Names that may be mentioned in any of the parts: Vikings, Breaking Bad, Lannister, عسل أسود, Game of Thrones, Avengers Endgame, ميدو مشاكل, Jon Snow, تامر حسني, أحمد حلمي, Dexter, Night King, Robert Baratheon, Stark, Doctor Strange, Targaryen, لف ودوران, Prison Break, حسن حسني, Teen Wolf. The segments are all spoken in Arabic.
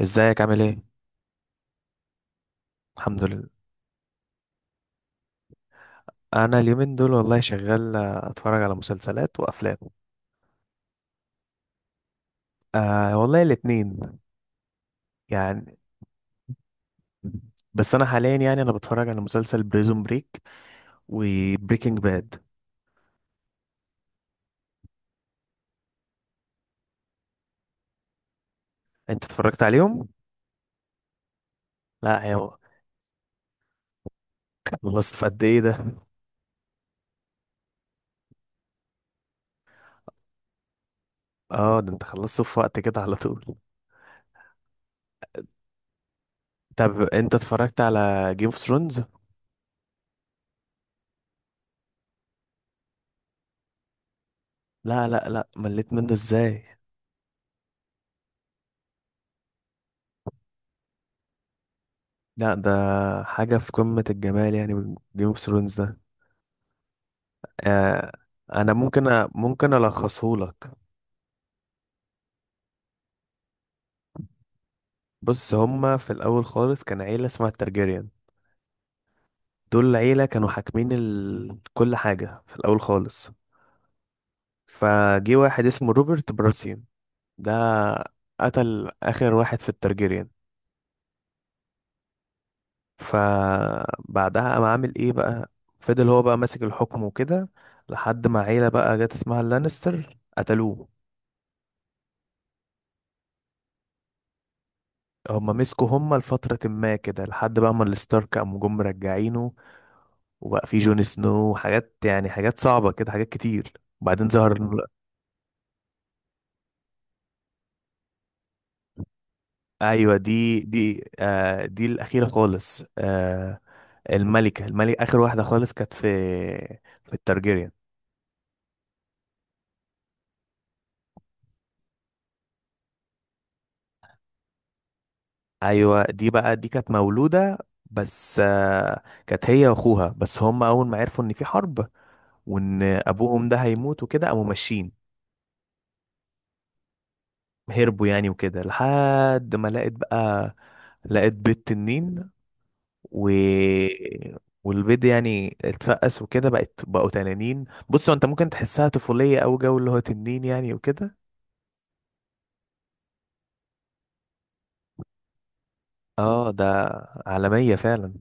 ازيك عامل ايه؟ الحمد لله. انا اليومين دول والله شغال، اتفرج على مسلسلات وافلام. آه والله الاتنين. يعني بس انا حاليا يعني انا بتفرج على مسلسل بريزون بريك وبريكنج باد. انت اتفرجت عليهم؟ لا يا هو، خلصت في قد ايه ده؟ اه، ده انت خلصته في وقت كده على طول. طب انت اتفرجت على جيم اوف ثرونز؟ لا لا لا، مليت منه ازاي؟ لا، ده حاجة في قمة الجمال يعني جيم اوف ثرونز. آه، انا ممكن ممكن الخصه لك. بص، هما في الاول خالص كان عيله اسمها الترجيريان. دول عيله كانوا حاكمين كل حاجه في الاول خالص. فجي واحد اسمه روبرت براسيان، ده قتل اخر واحد في الترجيريان. فبعدها قام عامل ايه بقى، فضل هو بقى ماسك الحكم وكده لحد ما عيله بقى جت اسمها اللانستر قتلوه. هما مسكوا هما لفترة ما كده لحد بقى ما الستارك قاموا جم مرجعينه، وبقى في جون سنو وحاجات، يعني حاجات صعبة كده، حاجات كتير. وبعدين ظهر ايوه، دي الأخيرة خالص. آه الملكة آخر واحدة خالص كانت في التارجيريان. ايوه دي بقى، دي كانت مولودة بس. كانت هي واخوها بس، هما اول ما عرفوا ان في حرب وان ابوهم ده هيموت وكده قاموا ماشيين. هربوا يعني وكده لحد ما لقيت بقى، لقيت بيض تنين و... والبيض يعني اتفقس وكده بقوا تنانين. بص هو، انت ممكن تحسها طفولية او جو اللي هو تنين يعني وكده. اه ده عالمية فعلا.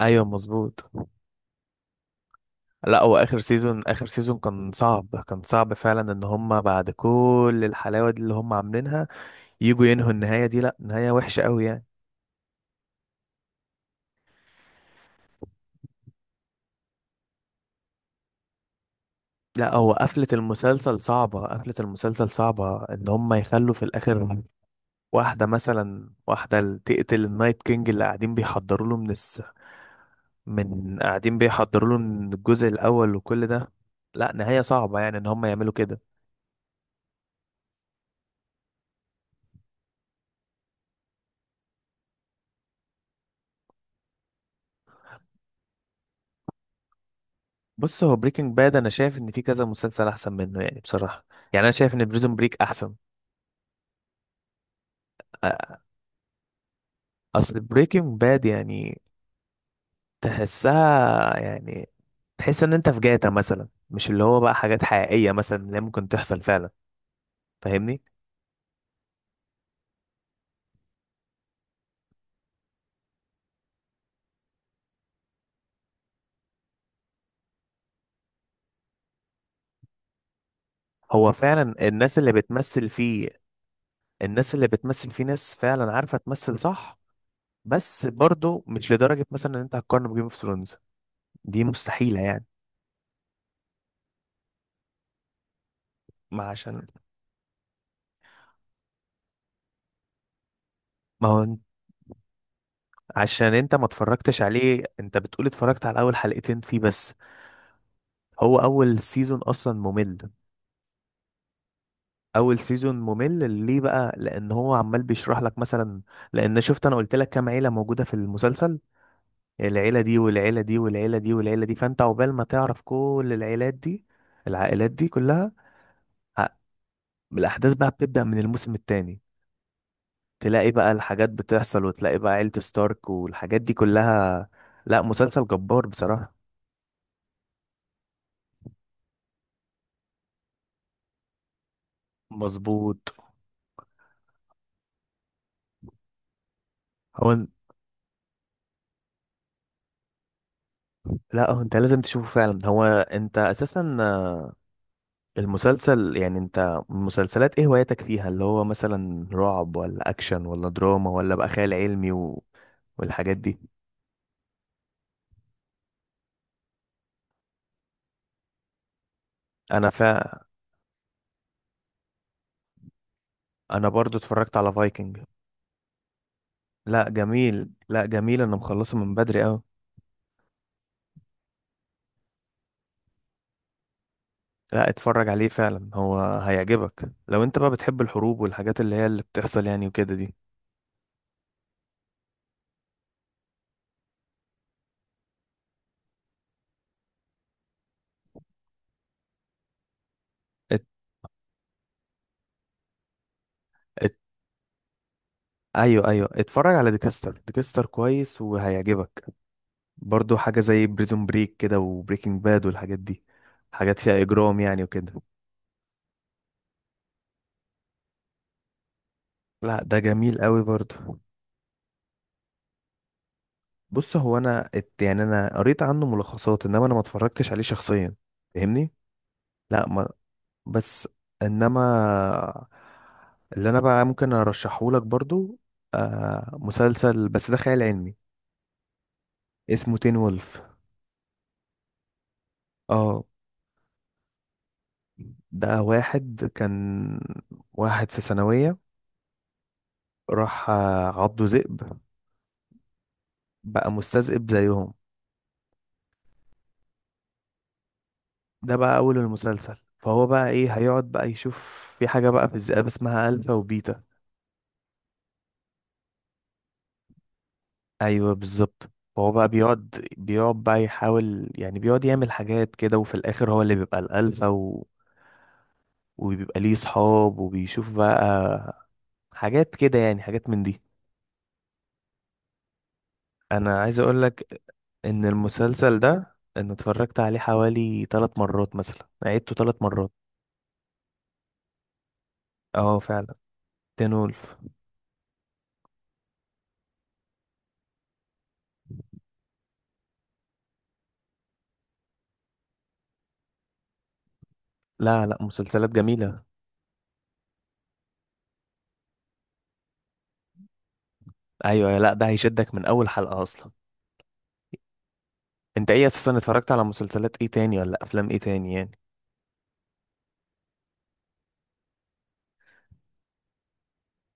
ايوه مظبوط. لا، هو اخر سيزون، اخر سيزون كان صعب، كان صعب فعلا ان هم بعد كل الحلاوة دي اللي هم عاملينها يجوا ينهوا النهاية دي. لا، نهاية وحشة قوي يعني. لا هو، قفلة المسلسل صعبة، قفلة المسلسل صعبة ان هم يخلوا في الاخر واحدة، مثلا واحدة اللي تقتل النايت كينج اللي قاعدين بيحضروا له من من قاعدين بيحضروا له من الجزء الأول وكل ده. لا، نهاية صعبة يعني إن هم يعملوا كده. بص، هو بريكنج باد أنا شايف إن في كذا مسلسل أحسن منه يعني، بصراحة. يعني أنا شايف إن بريزون بريك أحسن. أ- أصل بريكنج باد يعني تحسها، يعني تحس إن أنت في جاتا مثلا، مش اللي هو بقى حاجات حقيقية مثلا اللي ممكن تحصل فعلا، فاهمني؟ هو فعلا الناس اللي بتمثل فيه، الناس اللي بتمثل في ناس فعلا عارفة تمثل صح. بس برضو مش لدرجة مثلا ان انت هتقارن بجيم اوف ثرونز، دي مستحيلة يعني. ما عشان ما هو انت- عشان انت ما اتفرجتش عليه، انت بتقول اتفرجت على اول حلقتين فيه بس. هو اول سيزون اصلا ممل. اول سيزون ممل ليه بقى؟ لان هو عمال بيشرح لك مثلا، لان شفت انا قلت لك كام عيلة موجودة في المسلسل، العيلة دي والعيلة دي والعيلة دي والعيلة دي، فانت عقبال ما تعرف كل العيلات دي، العائلات دي كلها. الأحداث بقى بتبدأ من الموسم التاني، تلاقي بقى الحاجات بتحصل وتلاقي بقى عيلة ستارك والحاجات دي كلها. لا، مسلسل جبار بصراحة. مظبوط. هو لا، هو انت لازم تشوفه فعلا، هو انت اساسا، المسلسل، يعني انت مسلسلات ايه هوايتك فيها؟ اللي هو مثلا رعب ولا اكشن ولا دراما ولا بقى خيال علمي والحاجات دي. انا فا انا برضو اتفرجت على فايكنج. لا جميل، لا جميل، انا مخلصه من بدري قوي. لا، اتفرج عليه فعلا هو هيعجبك لو انت بقى بتحب الحروب والحاجات اللي هي اللي بتحصل يعني وكده دي. ات... ات... ايوه ايوه، اتفرج على ديكستر. ديكستر كويس وهيعجبك، برضو حاجة زي بريزون بريك كده وبريكنج باد والحاجات دي، حاجات فيها اجرام يعني وكده. لا ده جميل قوي برضو. بص، هو انا يعني انا قريت عنه ملخصات انما انا ما اتفرجتش عليه شخصيا، فاهمني؟ لا ما، بس انما اللي انا بقى ممكن ارشحه لك برضو، مسلسل بس ده خيال علمي، اسمه تين وولف. اه، ده واحد في ثانوية، راح عضه ذئب، بقى مستذئب زيهم. ده بقى اول المسلسل، فهو بقى ايه، هيقعد بقى يشوف في حاجة بقى في الذئاب اسمها الفا وبيتا. ايوه بالظبط، فهو بقى بيقعد بقى يحاول يعني، بيقعد يعمل حاجات كده، وفي الاخر هو اللي بيبقى الالفا وبيبقى ليه صحاب وبيشوف بقى حاجات كده، يعني حاجات من دي. انا عايز اقول لك ان المسلسل ده انا اتفرجت عليه حوالي 3 مرات، مثلا عيدته 3 مرات. اه فعلا. تين وولف. لا لا، مسلسلات جميلة. ايوه لا، ده هيشدك من اول حلقة اصلا. انت ايه اساسا، اتفرجت على مسلسلات ايه تاني ولا افلام ايه تاني يعني؟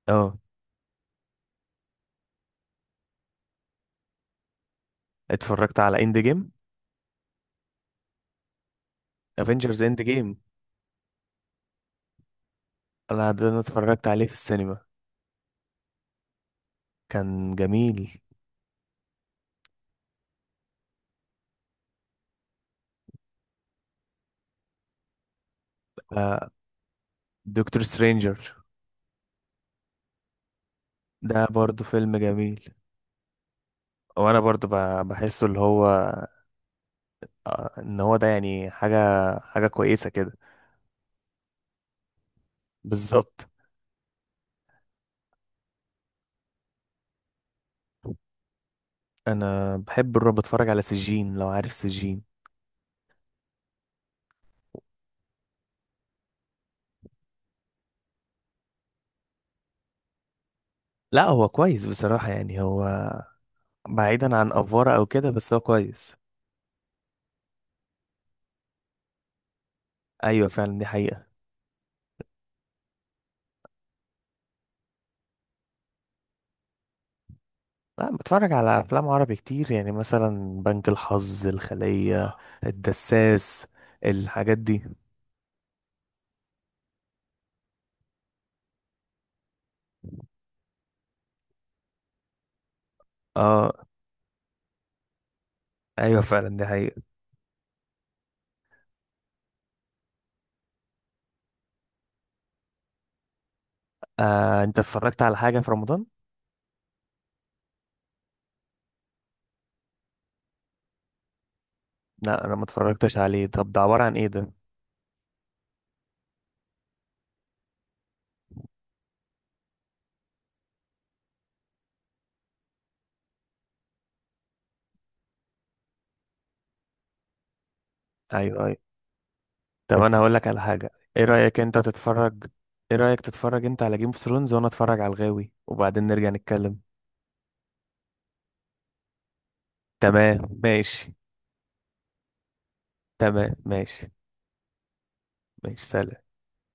اه، اتفرجت على اند جيم افنجرز اند جيم. انا ده، انا اتفرجت عليه في السينما، كان جميل. آه، دكتور سترينجر، ده برضو فيلم جميل. وانا برضو بحسه اللي هو، ان هو ده يعني حاجة كويسة كده. بالظبط. انا بحب الرعب، بتفرج على سجين، لو عارف سجين. لا هو كويس بصراحة، يعني هو بعيدا عن افوارة او كده بس هو كويس. ايوه فعلا، دي حقيقة. لا، بتفرج على افلام عربي كتير، يعني مثلا بنك الحظ، الخلية، الدساس، الحاجات دي. اه ايوه فعلا، دي حقيقة. انت اتفرجت على حاجة في رمضان؟ لا انا ما اتفرجتش عليه، طب ده عبارة عن ايه ده؟ ايوه ايوه، طب انا هقول لك على حاجة. ايه رأيك انت تتفرج ايه رأيك تتفرج انت على جيم اوف ثرونز وانا اتفرج على الغاوي وبعدين نرجع نتكلم؟ تمام ماشي. تمام ماشي. ماشي سلام.